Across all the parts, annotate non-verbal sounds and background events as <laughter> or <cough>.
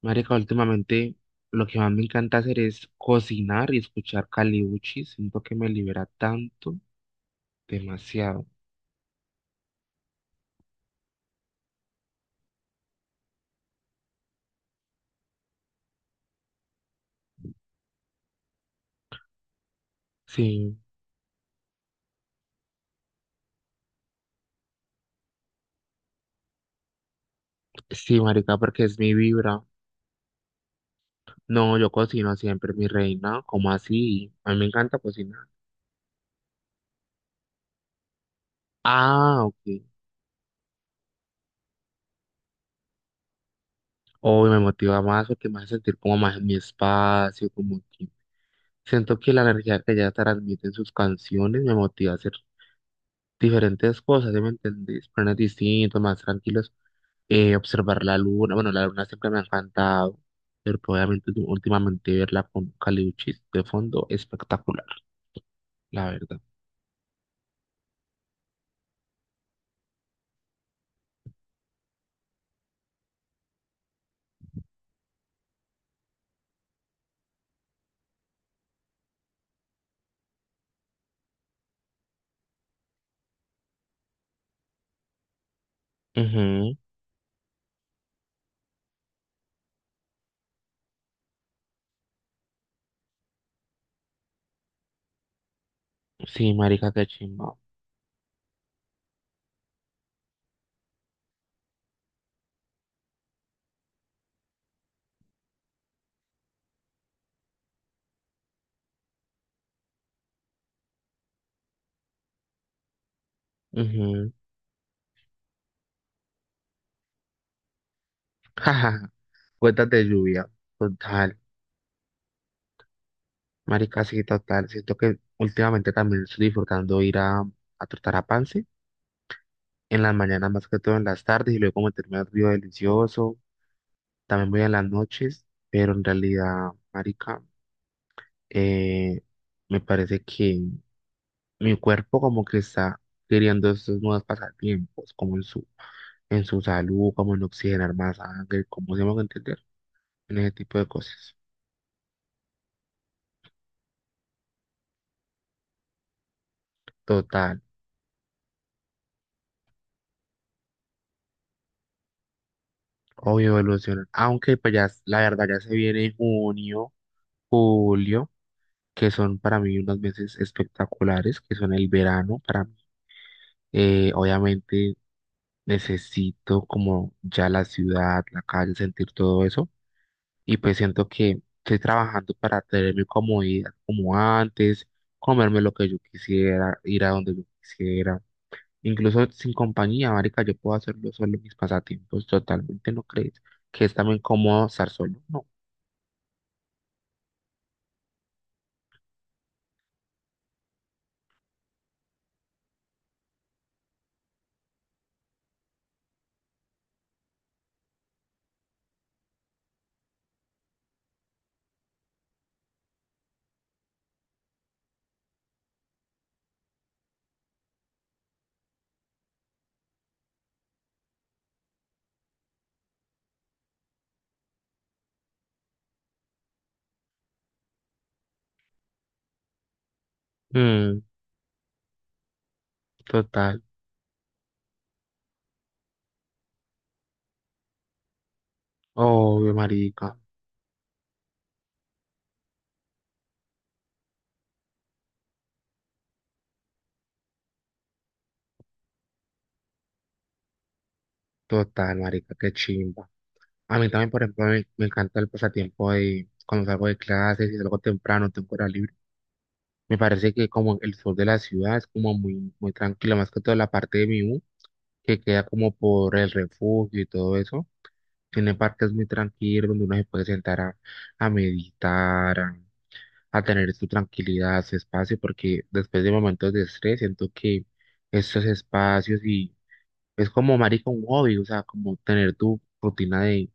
Marica, últimamente lo que más me encanta hacer es cocinar y escuchar Caliuchi. Siento que me libera tanto, demasiado. Sí, sí, marica, porque es mi vibra. No, yo cocino siempre, mi reina. ¿Cómo así? A mí me encanta cocinar. Ah, ok. Hoy me motiva más porque me hace sentir como más en mi espacio, como que siento que la energía que ella transmite en sus canciones me motiva a hacer diferentes cosas, ¿sí me entendés? Planes distintos, más tranquilos. Observar la luna. Bueno, la luna siempre me ha encantado, pero obviamente últimamente verla con Caliuchis de fondo, espectacular, la verdad. Ujú. Sí, marica, qué chimba. Ujú. Jaja, cuentas de lluvia, total. Marica, sí, total. Siento que últimamente también estoy disfrutando ir a trotar a Pance, en las mañanas más que todo en las tardes, y luego meterme al río delicioso. También voy en las noches, pero en realidad, marica, eh, me parece que mi cuerpo como que está queriendo estos nuevos pasatiempos, como en su salud, como en oxigenar más sangre, como se van entender, en ese tipo de cosas. Total, obvio evolucionar. Aunque pues ya, la verdad ya se viene junio, julio, que son para mí unos meses espectaculares, que son el verano para mí. Obviamente necesito como ya la ciudad, la calle, sentir todo eso. Y pues siento que estoy trabajando para tener mi comodidad como antes, comerme lo que yo quisiera, ir a donde yo quisiera, incluso sin compañía, marica, yo puedo hacerlo solo en mis pasatiempos, totalmente, ¿no crees? Que es también cómodo estar solo, ¿no? Mm, total, obvio, marica, total, marica, qué chimba. A mí también, por ejemplo, me encanta el pasatiempo de cuando salgo de clases y salgo temprano, tengo hora libre. Me parece que como el sur de la ciudad es como muy, muy tranquilo, más que toda la parte de mi U, que queda como por el refugio y todo eso. Tiene parques muy tranquilos donde uno se puede sentar a meditar, a tener su tranquilidad, su espacio, porque después de momentos de estrés siento que estos espacios y es como marica un hobby, o sea, como tener tu rutina de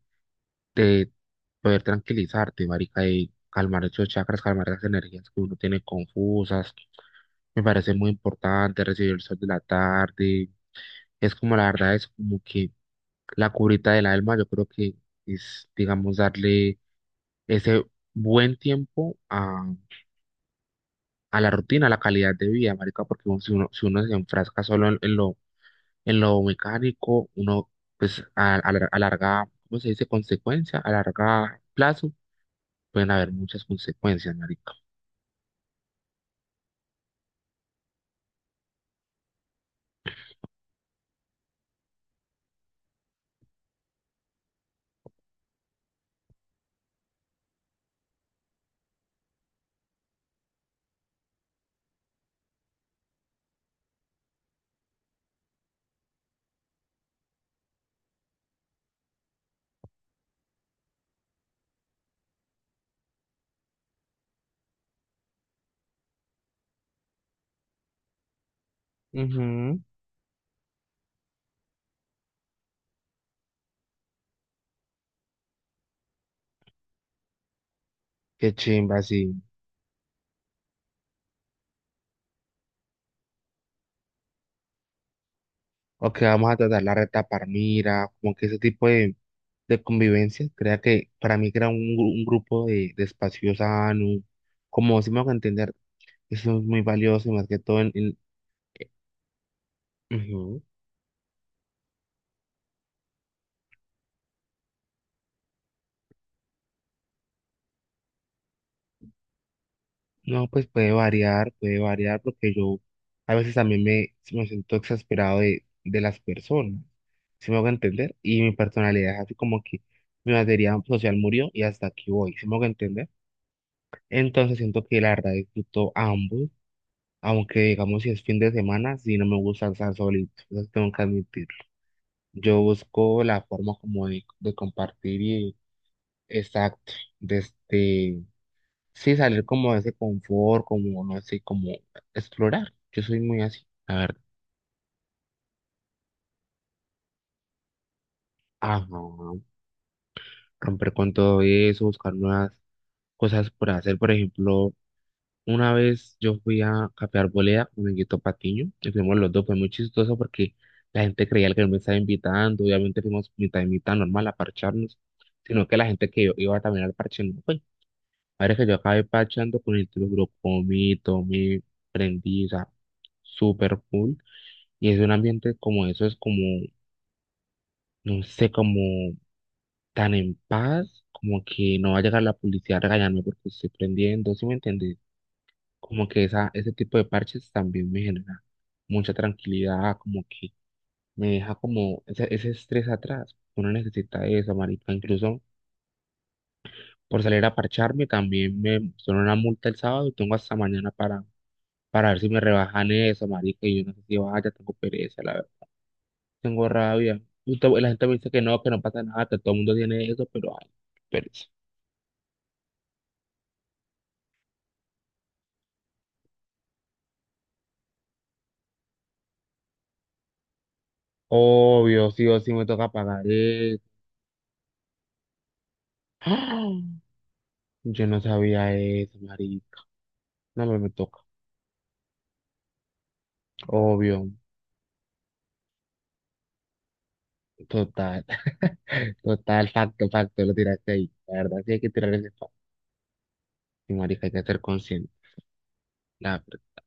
de poder tranquilizarte, marica, y calmar esos chakras, calmar las energías que uno tiene confusas. Me parece muy importante recibir el sol de la tarde. Es como la verdad, es como que la curita del alma, yo creo que es, digamos, darle ese buen tiempo a la rutina, a la calidad de vida, marica, porque uno- si uno, si uno se enfrasca solo en lo mecánico, uno pues a, a larga, ¿cómo se dice? Consecuencia, a larga plazo pueden haber muchas consecuencias, marico. Ujú. Qué chimba, sí. O que vamos a tratar la reta Parmira, como que ese tipo de convivencia, crea que para mí crea un, un grupo de espacio sano, como si me hago entender, eso es muy valioso y más que todo en- ujú. No, pues puede variar, porque yo a veces también me siento exasperado de las personas, si me hago entender, y mi personalidad es así como que mi batería social murió y hasta aquí voy, si me hago entender. Entonces siento que la verdad disfruto ambos, aunque digamos si es fin de semana, si no me gusta estar solito, eso sí tengo que admitir. Yo busco la forma como de compartir y exacto, desde sí, salir como de ese confort, como, no sé, como explorar. Yo soy muy así, la verdad. Ajá, romper con todo eso, buscar nuevas cosas por hacer. Por ejemplo, una vez yo fui a Café Arboleda con Guito Patiño, y fuimos los dos, fue muy chistoso porque la gente creía que él me estaba invitando, obviamente fuimos mitad y mitad normal a parcharnos, sino que la gente que yo iba también al parche no fue. Ahora que yo acabé parchando con el grupo, comí, tomé, prendí, o sea, súper full. Y es un ambiente como eso, es como, no sé, como tan en paz, como que no va a llegar la policía a regañarme porque estoy prendiendo, ¿sí me entiendes? Como que ese tipo de parches también me genera mucha tranquilidad, como que me deja como ese estrés atrás. Uno necesita eso, marica. Incluso por salir a parcharme también me pusieron una multa el sábado y tengo hasta mañana para ver si me rebajan eso, marica. Y yo no sé si vaya, tengo pereza, la tengo rabia. Justo la gente me dice que no pasa nada, que todo el mundo tiene eso, pero ay, pereza. Obvio, sí o sí me toca pagar eso. ¡Ah! Yo no sabía eso, marica. No, pero me toca. Obvio, total, <laughs> total, facto, facto, lo tiraste ahí. La verdad, sí hay que tirar ese facto. Sí, marica, hay que ser consciente. La verdad.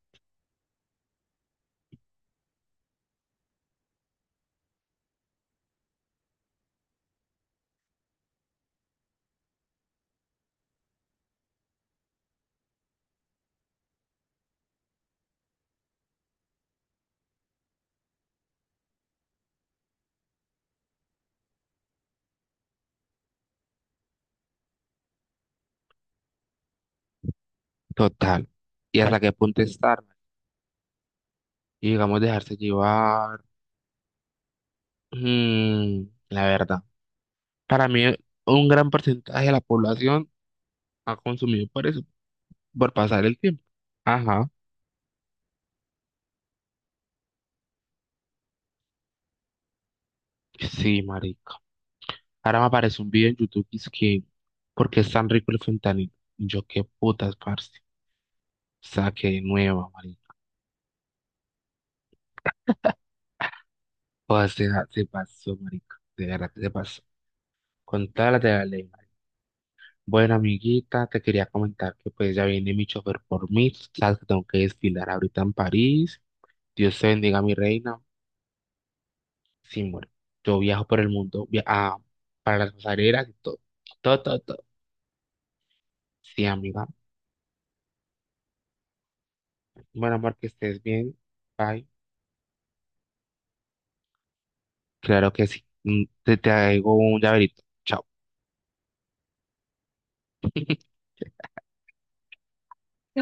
Total. ¿Y hasta qué punto estar? Y digamos, dejarse llevar. Mm, la verdad. Para mí, un gran porcentaje de la población ha consumido por eso. Por pasar el tiempo. Ajá. Sí, marica. Ahora me aparece un video en YouTube que es que, ¿por qué es tan rico el fentanilo? Y yo, qué putas, parce. Saqué de nueva, marica. Joder, se pasó, marica. De verdad que se pasó. Con todas las de la ley, marica. Bueno, amiguita, te quería comentar que pues ya viene mi chofer por mí. Sabes que tengo que desfilar ahorita en París. Dios te bendiga, mi reina. Sí, bueno, yo viajo por el mundo, para las pasarelas y todo. Todo, todo, todo. Sí, amiga. Bueno, amor, que estés bien. Bye. Claro que sí. Mm, te traigo un llaverito. Chao.